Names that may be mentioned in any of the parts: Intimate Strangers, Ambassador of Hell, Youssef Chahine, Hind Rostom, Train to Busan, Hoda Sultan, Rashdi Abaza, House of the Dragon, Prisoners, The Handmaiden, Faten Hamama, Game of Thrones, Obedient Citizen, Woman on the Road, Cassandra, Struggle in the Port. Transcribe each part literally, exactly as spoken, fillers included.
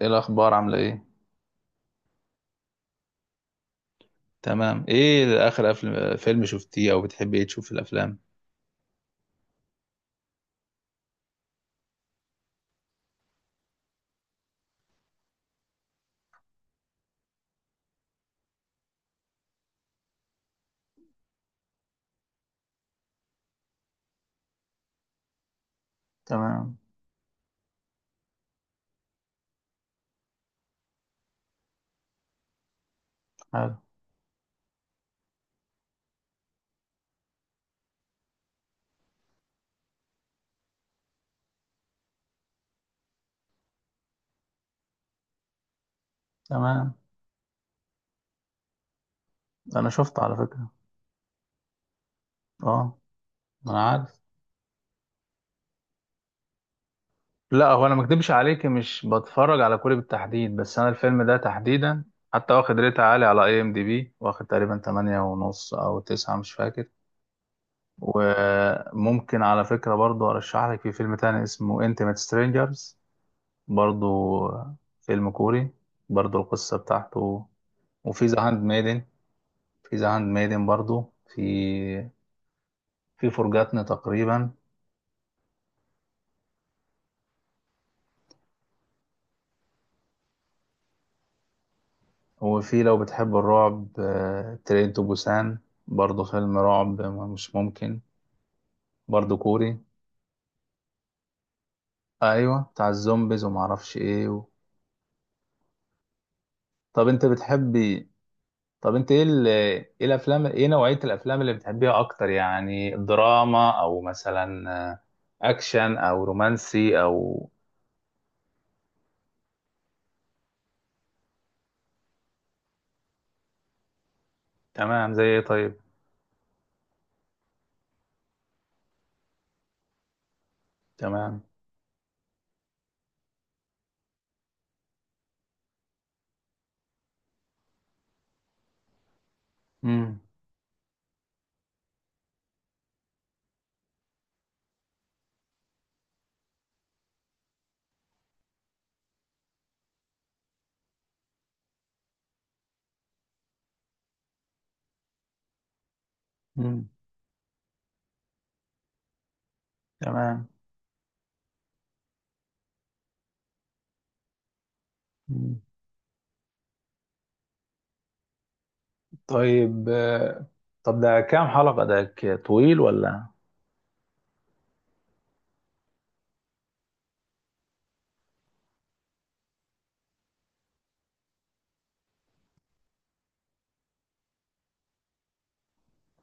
ايه الاخبار، عامله ايه؟ تمام. ايه اخر أفلم... فيلم شفتيه او بتحبي ايه تشوف في الافلام؟ تمام. حلو. تمام. انا شفت على فكره. اه انا عارف. لا، هو انا ما اكدبش عليك، مش بتفرج على كوري بالتحديد، بس انا الفيلم ده تحديدا حتى واخد ريت عالي على اي ام دي بي، واخد تقريبا تمانية ونص او تسعة مش فاكر. وممكن على فكره برضو ارشح لك في فيلم تاني اسمه انتيميت سترينجرز، برضو فيلم كوري، برضو القصة بتاعته. وفي ذا هاند ميدن، في ذا هاند ميدن برضو، في في فرجاتنا تقريبا. وفي لو بتحب الرعب، آه، ترين تو بوسان، برضو فيلم رعب م- مش ممكن، برضو كوري. ايوه بتاع الزومبيز ومعرفش ايه و... طب انت بتحبي، طب انت ايه ال... ايه الافلام، ايه نوعية الافلام اللي بتحبيها اكتر؟ يعني دراما او مثلا آه، اكشن او رومانسي او. تمام، زي ايه طيب؟ تمام. امم. امم. تمام. مم. طيب، آه، طب ده كام حلقة؟ ده ك- طويل ولا؟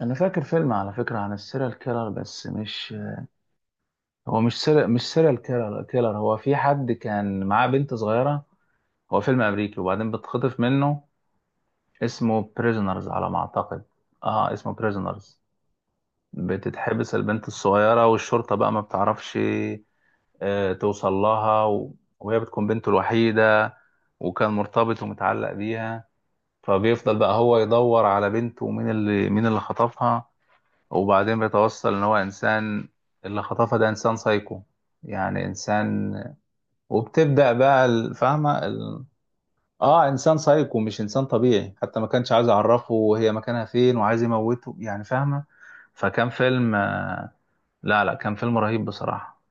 انا فاكر فيلم على فكرة عن السيريال كيلر، بس مش، هو مش سيريال، مش سيريال كيلر كيلر هو، في حد كان معاه بنت صغيرة، هو فيلم امريكي وبعدين بتخطف منه. اسمه بريزنرز على ما اعتقد. اه اسمه بريزنرز. بتتحبس البنت الصغيرة، والشرطة بقى ما بتعرفش آه، توصل لها و- وهي بتكون بنته الوحيدة، وكان مرتبط ومتعلق بيها. فبيفضل بقى هو يدور على بنته، ومين اللي مين اللي خطفها. وبعدين بيتوصل ان هو انسان، اللي خطفها ده انسان سايكو، يعني انسان. وبتبدأ بقى الفاهمة ال... اه انسان سايكو، مش انسان طبيعي، حتى ما كانش عايز يعرفه وهي مكانها فين، وعايز يموته يعني، فاهمة. فكان فيلم آه، لا لا كان فيلم رهيب بصراحة.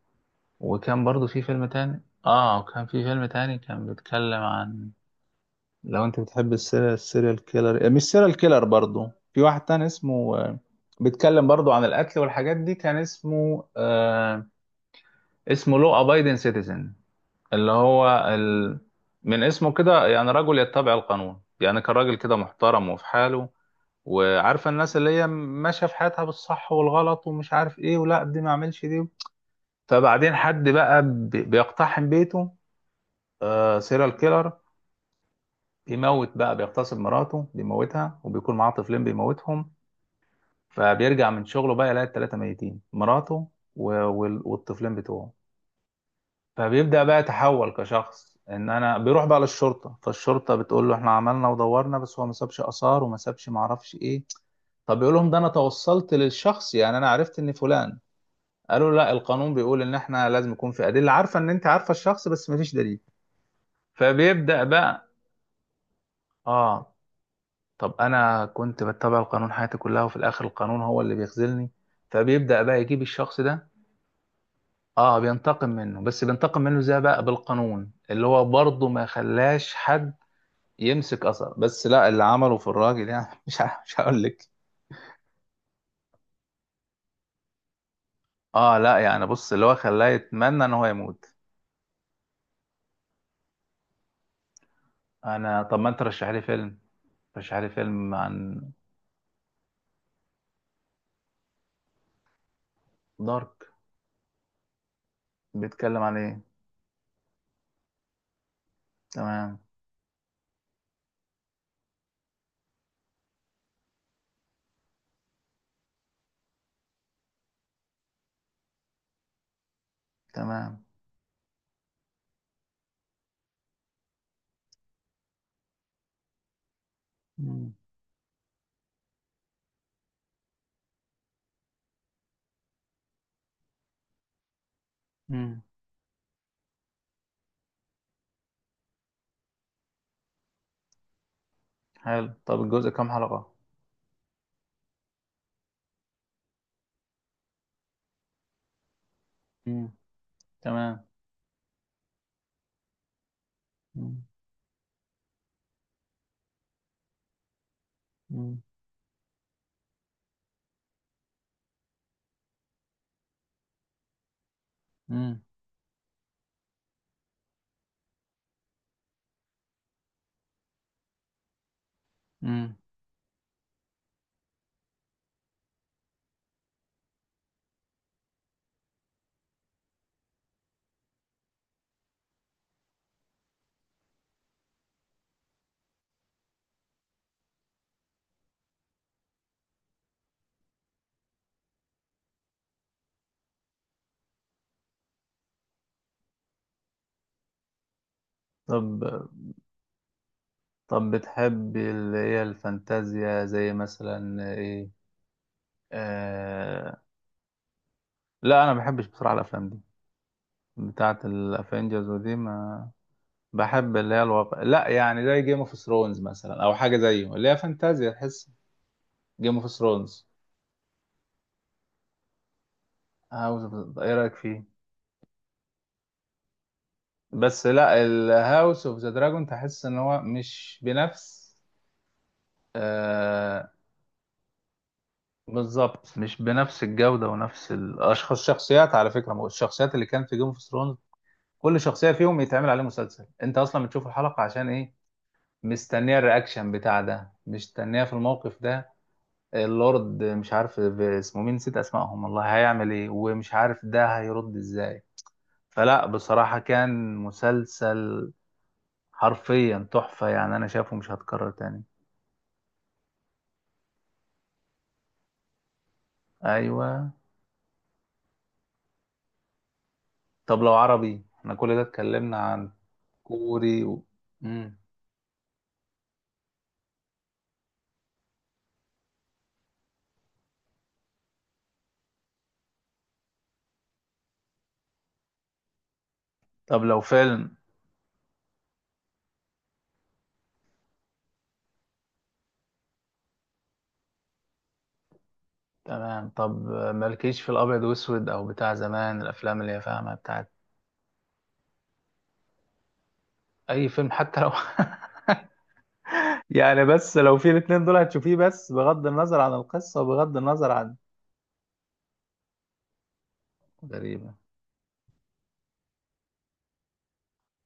وكان برضو في فيلم تاني، اه وكان في فيلم تاني كان بيتكلم عن، لو انت بتحب السيريال السيريال كيلر، مش سيريال كيلر، برضو في واحد تاني اسمه آه، بيتكلم برضو عن القتل والحاجات دي. كان اسمه آه اسمه لو ابايدن سيتيزن، اللي هو ال... من اسمه كده يعني رجل يتبع القانون. يعني كان راجل كده محترم وفي حاله، وعارفه الناس اللي هي ماشيه في حياتها بالصح والغلط ومش عارف ايه، ولا دي ما اعملش دي. فبعدين حد بقى بي- بيقتحم بيته، آه سيريال كيلر، بيموت بقى، بيغتصب مراته، بيموتها، وبيكون معاه طفلين بيموتهم. فبيرجع من شغله بقى يلاقي التلاتة ميتين، مراته و... وال... والطفلين بتوعه. فبيبدأ بقى يتحول كشخص ان انا بيروح بقى للشرطة، فالشرطة بتقول له احنا عملنا ودورنا، بس هو ما سابش آثار وما سابش ما اعرفش ايه. طب يقول لهم ده انا توصلت للشخص، يعني انا عرفت ان فلان. قالوا لا، القانون بيقول ان احنا لازم يكون في ادله، عارفه ان انت عارفه الشخص بس مفيش دليل. فبيبدا بقى، اه، طب انا كنت بتبع القانون حياتي كلها، وفي الاخر القانون هو اللي بيخذلني. فبيبدا بقى يجيب الشخص ده. اه بينتقم منه، بس بينتقم منه ازاي بقى؟ بالقانون، اللي هو برضه ما خلاش حد يمسك اثر. بس لا، اللي عمله في الراجل يعني مش ه- مش هقول لك. اه لا يعني بص، اللي هو خلاه يتمنى ان هو يموت. انا طب ما انت رشح لي فيلم، رشح لي فيلم عن. دارك، بيتكلم عن ايه؟ تمام. تمام. مم. مم. حلو، طب الجزء كام حلقة؟ مم. تمام. مم. مم. مم. مم. طب طب بتحب اللي هي الفانتازيا زي مثلا ايه؟ آه... لا انا ما بحبش بصراحه الافلام دي، بتاعه الافنجرز ودي ما، بحب اللي هي الواقع، لا يعني، زي جيم اوف ثرونز مثلا او حاجه زيه، اللي هي فانتازيا تحس. جيم اوف ثرونز. هاوس اوف، ايه رايك فيه؟ بس لا، الهاوس اوف ذا دراجون تحس ان هو مش بنفس آه، بالظبط، مش بنفس الجودة ونفس الأشخاص الشخصيات على فكرة. ما هو الشخصيات اللي كانت في جيم اوف ثرونز، كل شخصية فيهم يتعمل عليه مسلسل. أنت أصلا بتشوف الحلقة عشان إيه؟ مستنية الرياكشن بتاع ده، مستنية في الموقف ده. اللورد مش عارف اسمه مين، نسيت أسمائهم والله، هيعمل إيه، ومش عارف ده هيرد إزاي. فلا بصراحة كان مسلسل حرفيا تحفة يعني، أنا شايفه مش هتكرر تاني. أيوة. طب لو عربي، إحنا كل ده اتكلمنا عن كوري و... مم. طب لو فيلم. تمام، طب مالكيش في الابيض واسود او بتاع زمان، الافلام اللي هي فاهمه بتاعت. اي فيلم حتى لو يعني، بس لو في الاتنين دول هتشوفيه، بس بغض النظر عن القصه وبغض النظر عن. غريبه.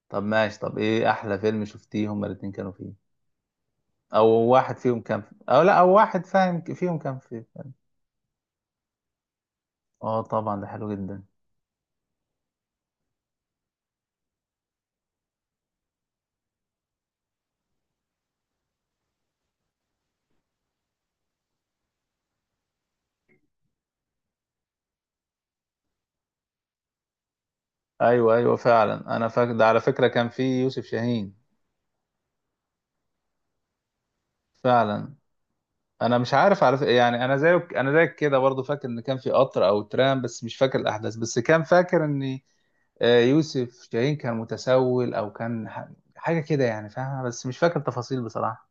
طب ماشي، طب ايه احلى فيلم شفتيه هما الاتنين كانوا فيه؟ او واحد فيهم كان في... او لا، او واحد فاهم ك- فيهم كان فيه. اه طبعا ده حلو جدا. ايوه ايوه فعلا، انا فاكر ده على فكره كان فيه يوسف شاهين. فعلا. انا مش عارف، عارف يعني، انا زيك انا زيك كده برضو فاكر ان كان في قطر او ترام، بس مش فاكر الاحداث، بس كان فاكر ان آه، يوسف شاهين كان متسول او كان ح- حاجه كده يعني فاهمه، بس مش فاكر تفاصيل بصراحه.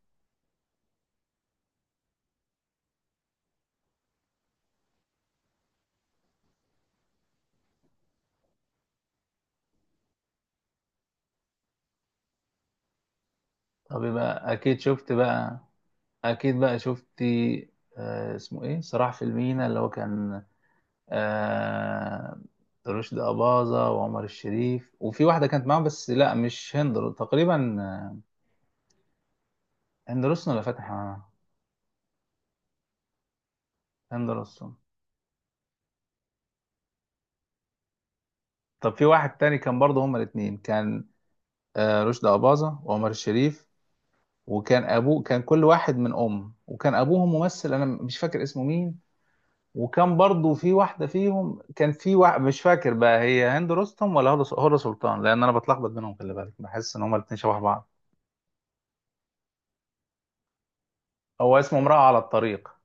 طب يبقى اكيد شفت بقى، اكيد بقى شفتي آه، اسمه ايه، صراع في المينا، اللي هو كان آه، رشدي اباظه وعمر الشريف، وفي واحده كانت معاهم، بس لا مش هند تقريبا آه، هند رستم ولا فاتن حمامه؟ هند رستم. طب في واحد تاني كان برضه هما الاثنين، كان آه، رشدي أباظة وعمر الشريف، وكان أبوه، كان كل واحد من أم، وكان أبوهم ممثل، أنا مش فاكر اسمه مين. وكان برضه في واحدة فيهم، كان في واحد مش فاكر بقى هي هند رستم ولا هدى هدى سلطان، لأن أنا بتلخبط بينهم، خلي بالك، بحس إن هما الاثنين شبه بعض. هو اسمه امرأة على الطريق.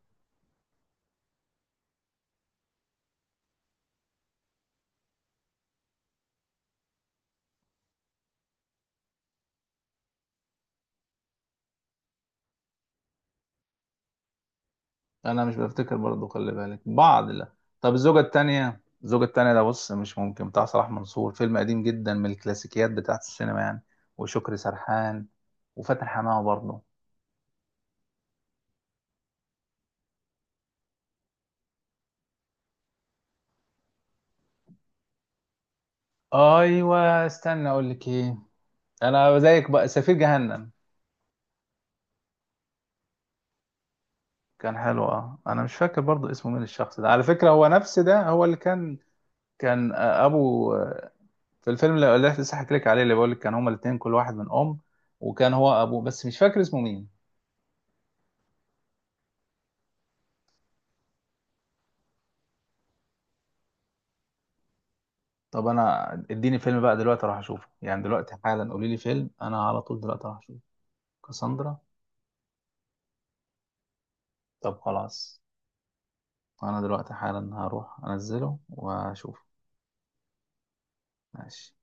انا مش بفتكر برضه، خلي بالك، بعض لا. طب الزوجة التانية، الزوجة التانية ده بص مش ممكن، بتاع صلاح منصور، فيلم قديم جدا من الكلاسيكيات بتاعت السينما يعني، وشكري سرحان وفاتن حمامة برضه. ايوه استنى اقول لك ايه، انا زيك بقى، سفير جهنم. كان حلو، اه انا مش فاكر برضه اسمه مين الشخص ده على فكرة، هو نفس ده هو اللي كان، كان آه، ابو آه، في الفيلم اللي اللي لسه حكيت لك عليه، اللي بقول لك كان هما الاتنين كل واحد من ام، وكان هو ابوه بس مش فاكر اسمه مين. طب انا اديني فيلم بقى دلوقتي اروح اشوفه، يعني دلوقتي حالا قولي لي فيلم، انا على طول دلوقتي هروح اشوفه. كاساندرا. طب خلاص، انا دلوقتي حالا هروح انزله واشوفه. ماشي.